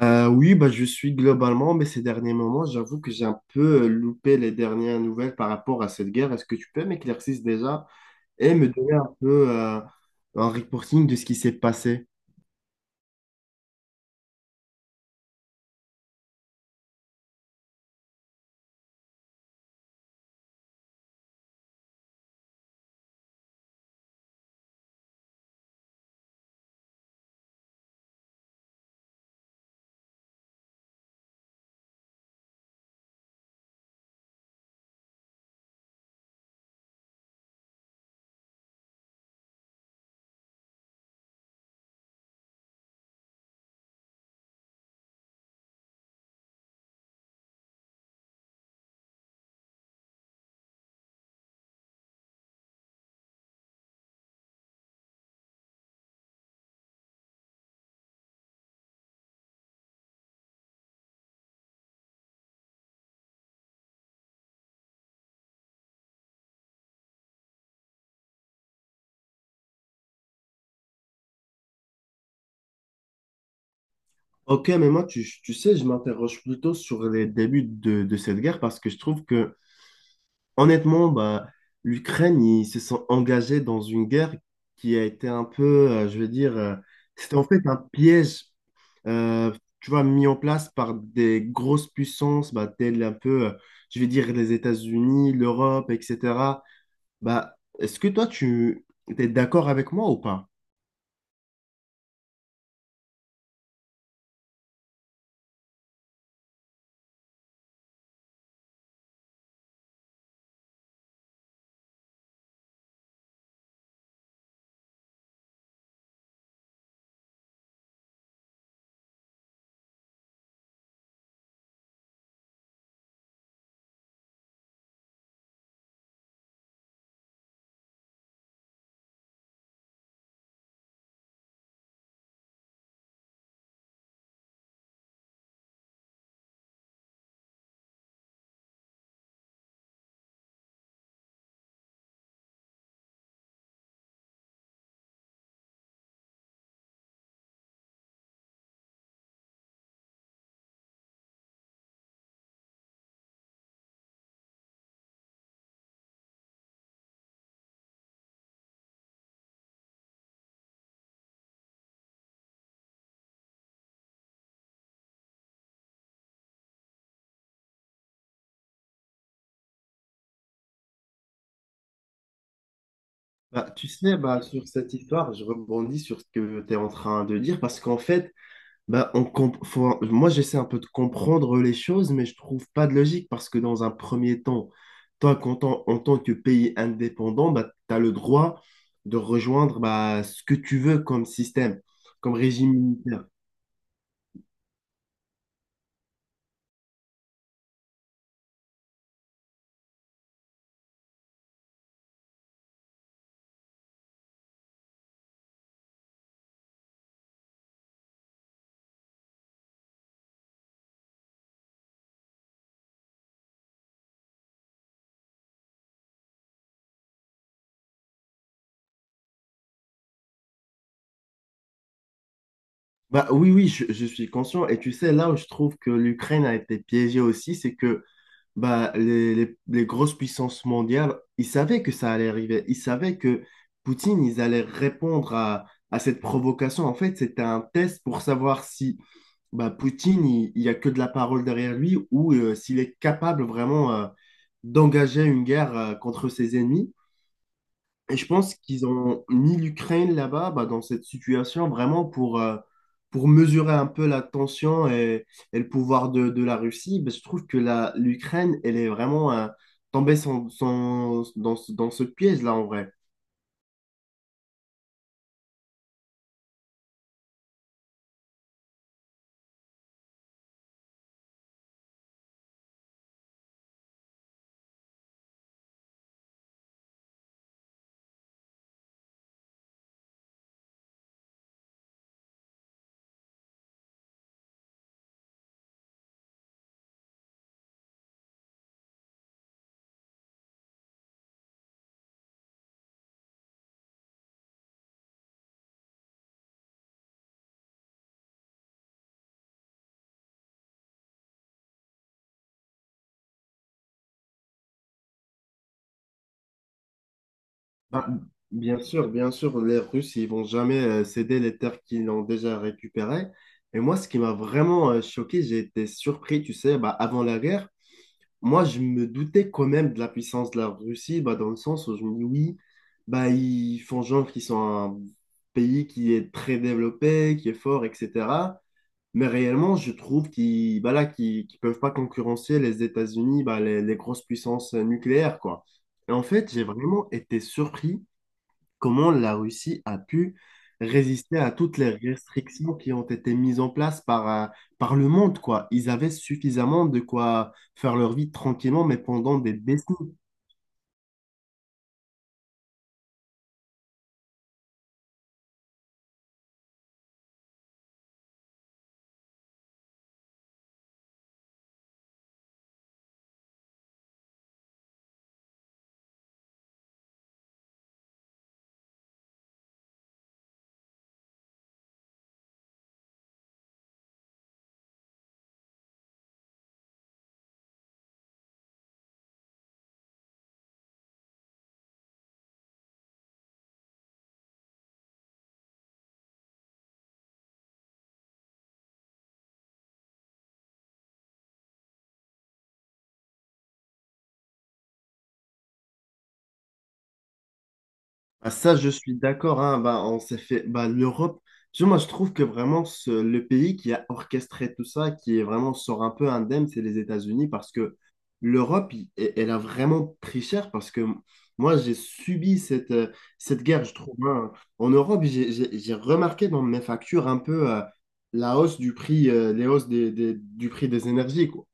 Oui, bah, je suis globalement, mais ces derniers moments, j'avoue que j'ai un peu loupé les dernières nouvelles par rapport à cette guerre. Est-ce que tu peux m'éclaircir déjà et me donner un peu un reporting de ce qui s'est passé? Ok, mais moi, tu sais, je m'interroge plutôt sur les débuts de cette guerre parce que je trouve que, honnêtement, bah, l'Ukraine, ils se sont engagés dans une guerre qui a été un peu, je veux dire, c'était en fait un piège euh, tu vois, mis en place par des grosses puissances, bah, telles un peu, je vais dire, les États-Unis, l'Europe, etc. Bah, est-ce que toi, tu es d'accord avec moi ou pas? Bah, tu sais, bah, sur cette histoire, je rebondis sur ce que tu es en train de dire, parce qu'en fait, bah, on comp- faut- moi, j'essaie un peu de comprendre les choses, mais je trouve pas de logique parce que dans un premier temps, toi, qu'en tant- en tant que pays indépendant, bah, tu as le droit de rejoindre bah, ce que tu veux comme système, comme régime militaire. Bah, oui, oui, je suis conscient. Et tu sais, là où je trouve que l'Ukraine a été piégée aussi, c'est que bah, les grosses puissances mondiales, ils savaient que ça allait arriver. Ils savaient que Poutine, ils allaient répondre à cette provocation. En fait, c'était un test pour savoir si bah, Poutine, il n'y a que de la parole derrière lui ou s'il est capable vraiment d'engager une guerre contre ses ennemis. Et je pense qu'ils ont mis l'Ukraine là-bas, bah, dans cette situation, vraiment pour mesurer un peu la tension et le pouvoir de la Russie. Bah, je trouve que la, l'Ukraine, elle est vraiment tombée dans, dans ce piège-là, en vrai. Bah, bien sûr, les Russes, ils vont jamais céder les terres qu'ils ont déjà récupérées. Et moi, ce qui m'a vraiment choqué, j'ai été surpris, tu sais, bah, avant la guerre. Moi, je me doutais quand même de la puissance de la Russie, bah, dans le sens où je me dis oui, bah, ils font genre qu'ils sont un pays qui est très développé, qui est fort, etc. Mais réellement, je trouve qu'ils bah, là, qu'ils peuvent pas concurrencer les États-Unis, bah, les grosses puissances nucléaires, quoi. Et en fait, j'ai vraiment été surpris comment la Russie a pu résister à toutes les restrictions qui ont été mises en place par, par le monde, quoi. Ils avaient suffisamment de quoi faire leur vie tranquillement, mais pendant des décennies. Ah, ça, je suis d'accord, hein. Bah, on s'est fait bah, l'Europe. Tu vois, moi, je trouve que vraiment le pays qui a orchestré tout ça, qui est vraiment sort un peu indemne, c'est les États-Unis parce que l'Europe, elle a vraiment pris cher parce que moi, j'ai subi cette, cette guerre, je trouve, hein. En Europe, j'ai remarqué dans mes factures un peu la hausse du prix, les hausses des, du prix des énergies, quoi.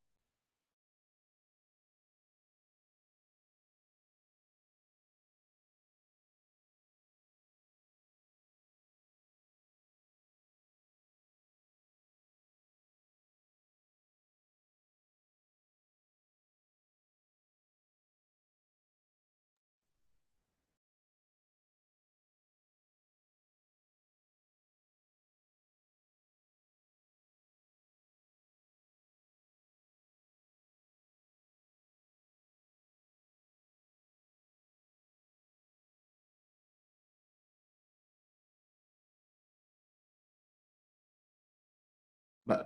Bah,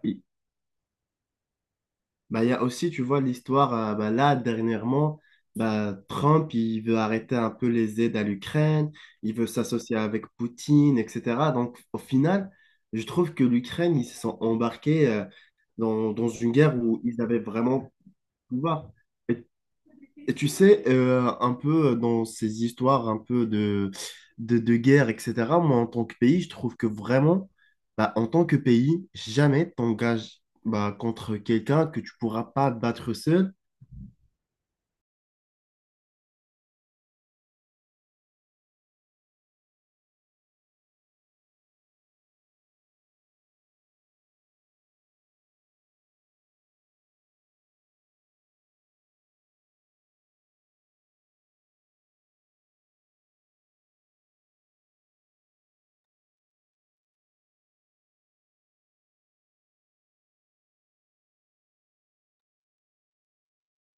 Bah, il y a aussi, tu vois, l'histoire, bah, là, dernièrement, bah, Trump, il veut arrêter un peu les aides à l'Ukraine, il veut s'associer avec Poutine, etc. Donc, au final, je trouve que l'Ukraine, ils se sont embarqués, dans, dans une guerre où ils avaient vraiment le pouvoir. Et et tu sais, un peu dans ces histoires un peu de guerre, etc., moi, en tant que pays, je trouve que vraiment, bah, en tant que pays, jamais t'engages bah, contre quelqu'un que tu pourras pas battre seul.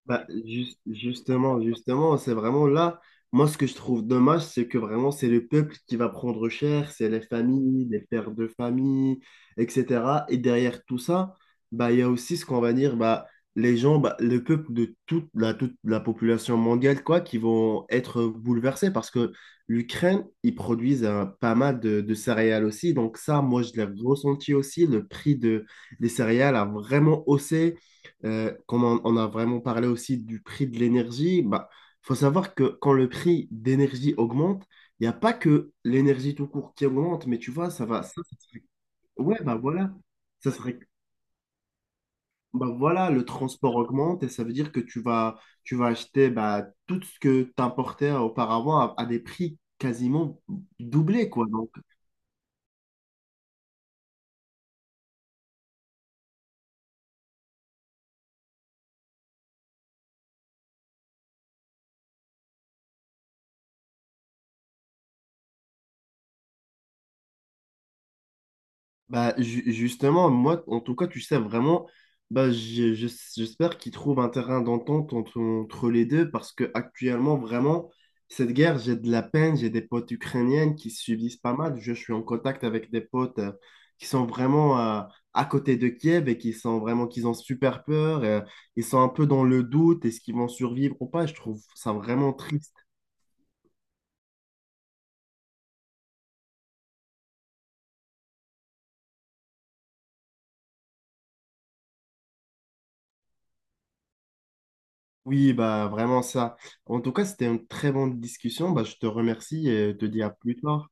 Bah, justement, justement, c'est vraiment là. Moi, ce que je trouve dommage, c'est que vraiment, c'est le peuple qui va prendre cher, c'est les familles, les pères de famille, etc. Et derrière tout ça, bah, il y a aussi ce qu'on va dire, bah, les gens, bah, le peuple de toute la population mondiale, quoi, qui vont être bouleversés parce que l'Ukraine, ils produisent pas mal de céréales aussi. Donc ça, moi, je l'ai ressenti aussi. Le prix de, des céréales a vraiment haussé. Comme on a vraiment parlé aussi du prix de l'énergie, bah, faut savoir que quand le prix d'énergie augmente, il n'y a pas que l'énergie tout court qui augmente, mais tu vois, ça va. Ça, ouais, bah voilà. Ça serait, bah voilà, le transport augmente et ça veut dire que tu vas acheter bah, tout ce que tu importais auparavant à des prix quasiment doublés, quoi. Bah, justement, moi, en tout cas, tu sais, vraiment, bah, j'espère qu'ils trouvent un terrain d'entente entre, entre les deux parce que actuellement, vraiment, cette guerre, j'ai de la peine, j'ai des potes ukrainiennes qui subissent pas mal. Je suis en contact avec des potes qui sont vraiment à côté de Kiev et qui sont vraiment, qu'ils ont super peur, ils sont un peu dans le doute, est-ce qu'ils vont survivre ou pas? Je trouve ça vraiment triste. Oui, bah, vraiment ça. En tout cas, c'était une très bonne discussion. Bah, je te remercie et te dis à plus tard.